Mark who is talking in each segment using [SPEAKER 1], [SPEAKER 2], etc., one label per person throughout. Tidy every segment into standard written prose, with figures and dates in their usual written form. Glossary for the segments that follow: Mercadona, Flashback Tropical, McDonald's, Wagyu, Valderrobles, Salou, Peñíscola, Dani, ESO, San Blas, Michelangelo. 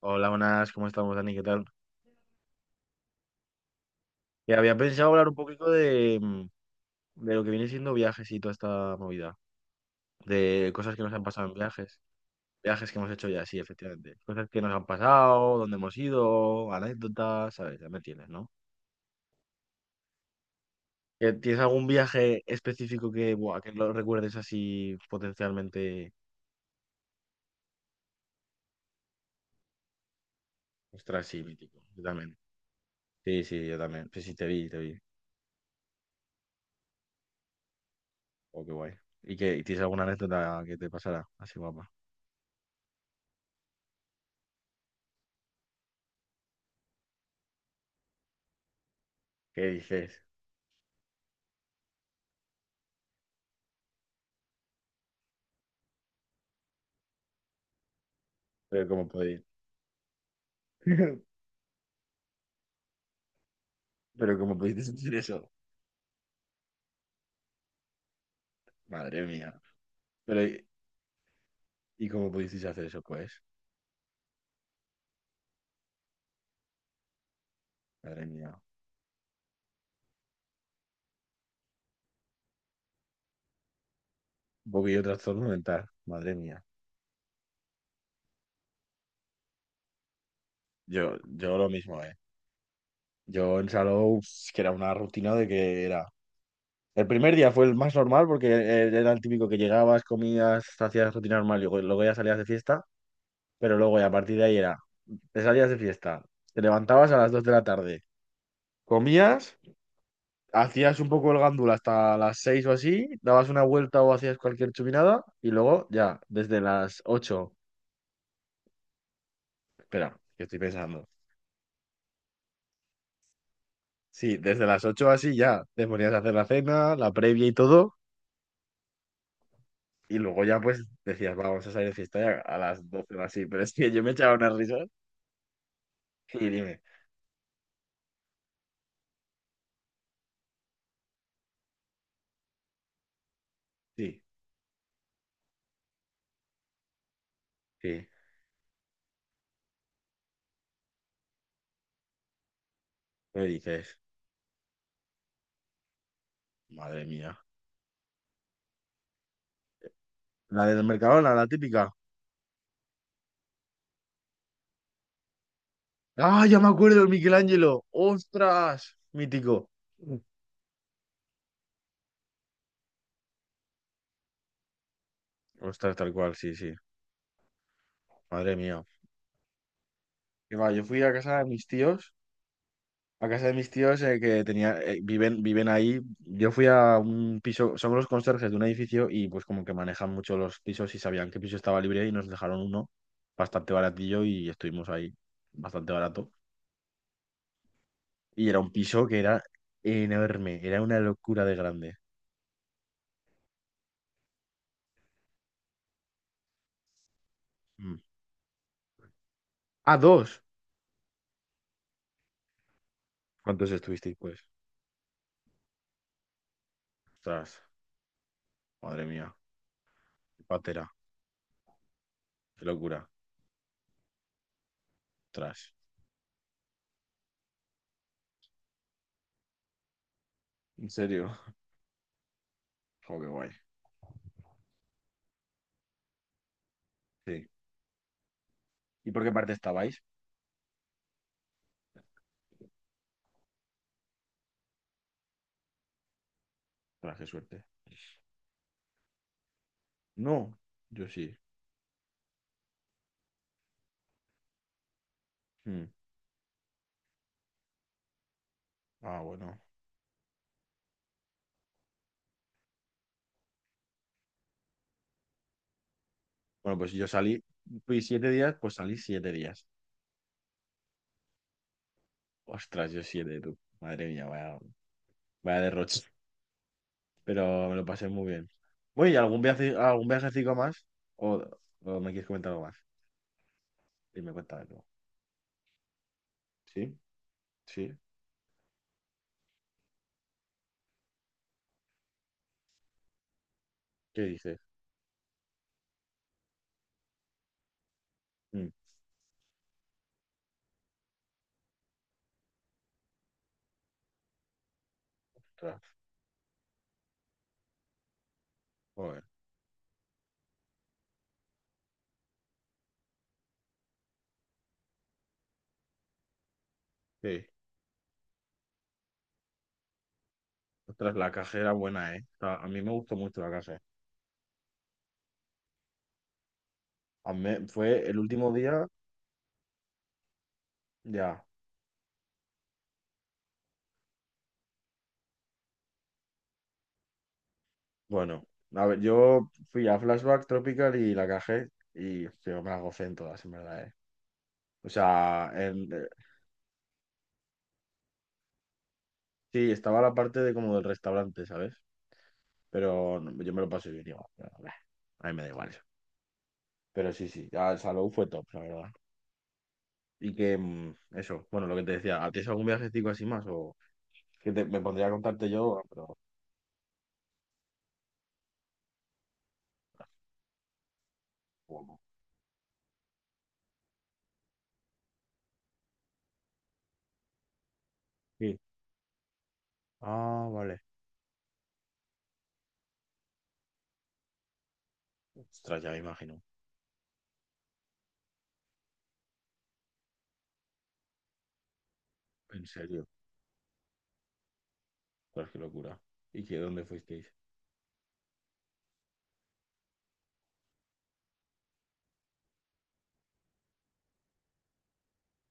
[SPEAKER 1] Hola, buenas, ¿cómo estamos, Dani? ¿Qué tal? Que había pensado hablar un poquito de lo que viene siendo viajes y toda esta movida, de cosas que nos han pasado en viajes, viajes que hemos hecho ya, sí, efectivamente, cosas que nos han pasado, dónde hemos ido, anécdotas, ¿sabes? Ya me entiendes, ¿no? ¿Que ¿Tienes algún viaje específico que, buah, que lo recuerdes así potencialmente? Ostras, sí, mítico, yo también. Sí, sí, yo también. Sí, sí, te vi, te vi. Oh, qué guay. ¿Y que tienes alguna anécdota que te pasara así guapa? ¿Qué dices? Pero ¿cómo podéis? Pero cómo pudiste sentir eso, madre mía. Pero, ¿y cómo pudiste hacer eso? Pues, madre mía. Un poquillo de trastorno mental, madre mía. Yo lo mismo, ¿eh? Yo en Salou, es que era una rutina de que era. El primer día fue el más normal porque era el típico que llegabas, comías, hacías rutina normal y luego ya salías de fiesta. Pero luego ya a partir de ahí era, te salías de fiesta, te levantabas a las 2 de la tarde, comías, hacías un poco el gándula hasta las 6 o así, dabas una vuelta o hacías cualquier chupinada y luego ya, desde las 8, espera, que estoy pensando. Sí, desde las 8 así ya te ponías a hacer la cena, la previa y todo. Y luego ya pues decías, vamos a salir de fiesta ya a las 12 o así. Pero es que yo me echaba unas risas y dime, sí, sí, me dices, madre mía. La del Mercadona, la típica. Ah, ya me acuerdo, el Michelangelo. Ostras, mítico. Ostras, tal cual, sí, sí. Madre mía. Que va, yo fui a casa de mis tíos, a casa de mis tíos que tenía, viven ahí. Yo fui a un piso, son los conserjes de un edificio y pues como que manejan mucho los pisos y sabían qué piso estaba libre y nos dejaron uno bastante baratillo y estuvimos ahí bastante barato. Y era un piso que era enorme, era una locura de grande. Mm. Ah, dos. ¿Cuántos estuvisteis pues? Ostras, madre mía, qué patera, qué locura. Ostras, ¿en serio? Jo, qué guay. Sí. ¿Y por qué parte estabais? Ostras, qué suerte. No, yo sí. Mm. Ah, bueno. Bueno, pues si yo salí, fui siete días, pues salí siete días. Ostras, yo siete, tú. Madre mía, vaya, vaya derroche. Pero me lo pasé muy bien. Oye, ¿y algún viaje, algún viajecito más? ¿O, o me quieres comentar algo más? Dime, cuéntame tú. ¿Sí? ¿Sí? ¿Qué dices? Mm, ostras, joder, sí. Ostras, la caja era buena, ¿eh? O sea, a mí me gustó mucho la caja. A mí fue el último día, ya. Bueno, a ver, yo fui a Flashback Tropical y la cajé y yo me la gocé en todas, en verdad, ¿eh? O sea, sí, estaba la parte de como del restaurante, ¿sabes? Pero no, yo me lo pasé bien igual. Pero, bah, a mí me da igual eso. Pero sí, sí, ya el Salou fue top, la verdad. Y que eso, bueno, lo que te decía, ¿a ti es algún viajecito así más? O me pondría a contarte yo, pero ¿cómo? Sí. Ah, vale. Ostras, ya me imagino. En serio. Ostras, qué locura. ¿Y qué dónde fuisteis?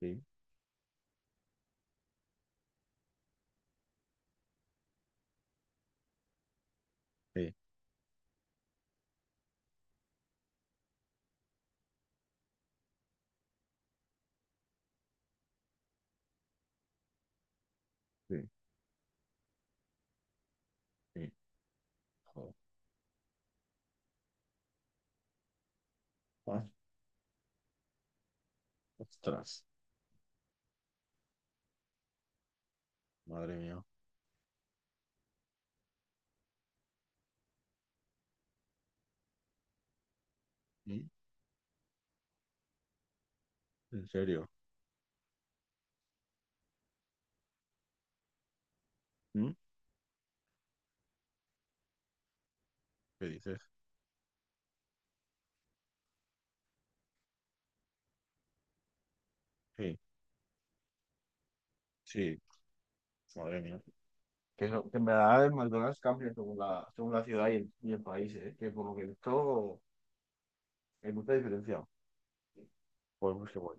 [SPEAKER 1] Sí, sí, sí. Sí. Ah, ostras, madre mía. ¿Mm? ¿En serio? ¿Mm? ¿Qué dices? Sí, sí, madre mía. Que, que en verdad el McDonald's cambia según la ciudad y el país, ¿eh? Que por lo que he visto hay mucha diferencia. Pues que voy.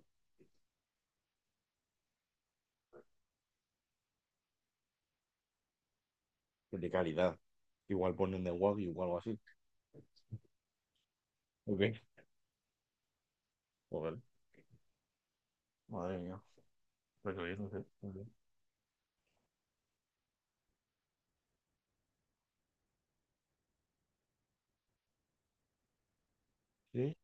[SPEAKER 1] Que de calidad. Igual ponen de Wagyu o algo así. Ok. Joder. Madre mía. Pues oye, no sé. Sí,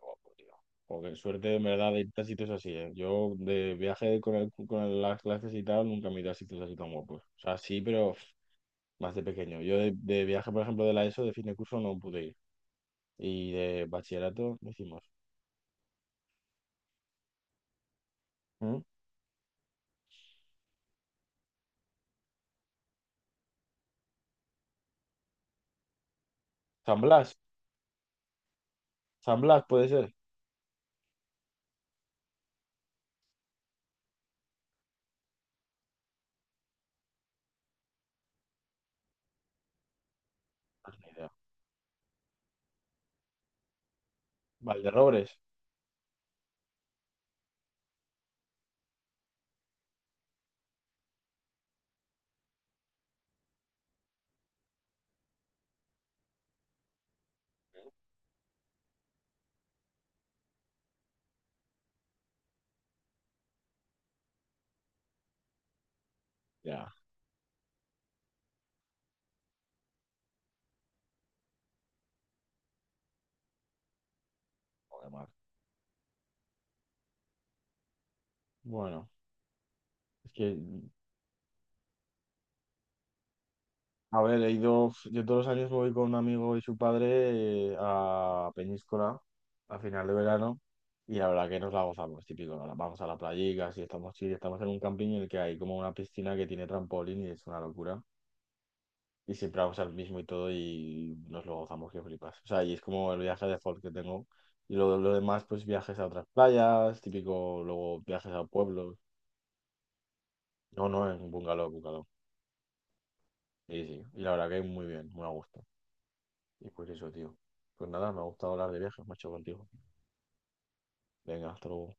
[SPEAKER 1] oh, por Dios. Joder, suerte en verdad de irte a sitios así, ¿eh? Yo de viaje con, con las clases y tal, nunca me he ido a sitios así tan guapos. O sea, sí, pero pff, más de pequeño. Yo de viaje, por ejemplo, de la ESO, de fin de curso, no pude ir. Y de bachillerato, no hicimos. ¿Mm? San Blas, San Blas puede ser. Pues ni idea. Valderrobres, ya, joder, mal. Bueno, es que a ver, he ido, yo todos los años voy con un amigo y su padre a Peñíscola a final de verano y la verdad que nos la gozamos, típico, ¿no? Vamos a la playica, si estamos chill, estamos en un camping en el que hay como una piscina que tiene trampolín y es una locura y siempre vamos al mismo y todo y nos lo gozamos que flipas. O sea, y es como el viaje de default que tengo y luego lo demás pues viajes a otras playas, típico, luego viajes a pueblos. No, no, en bungalow, bungalow. Sí, sí, y la verdad que muy bien, muy a gusto. Y por eso, tío. Pues nada, me ha gustado hablar de viajes, macho, contigo. Venga, hasta luego.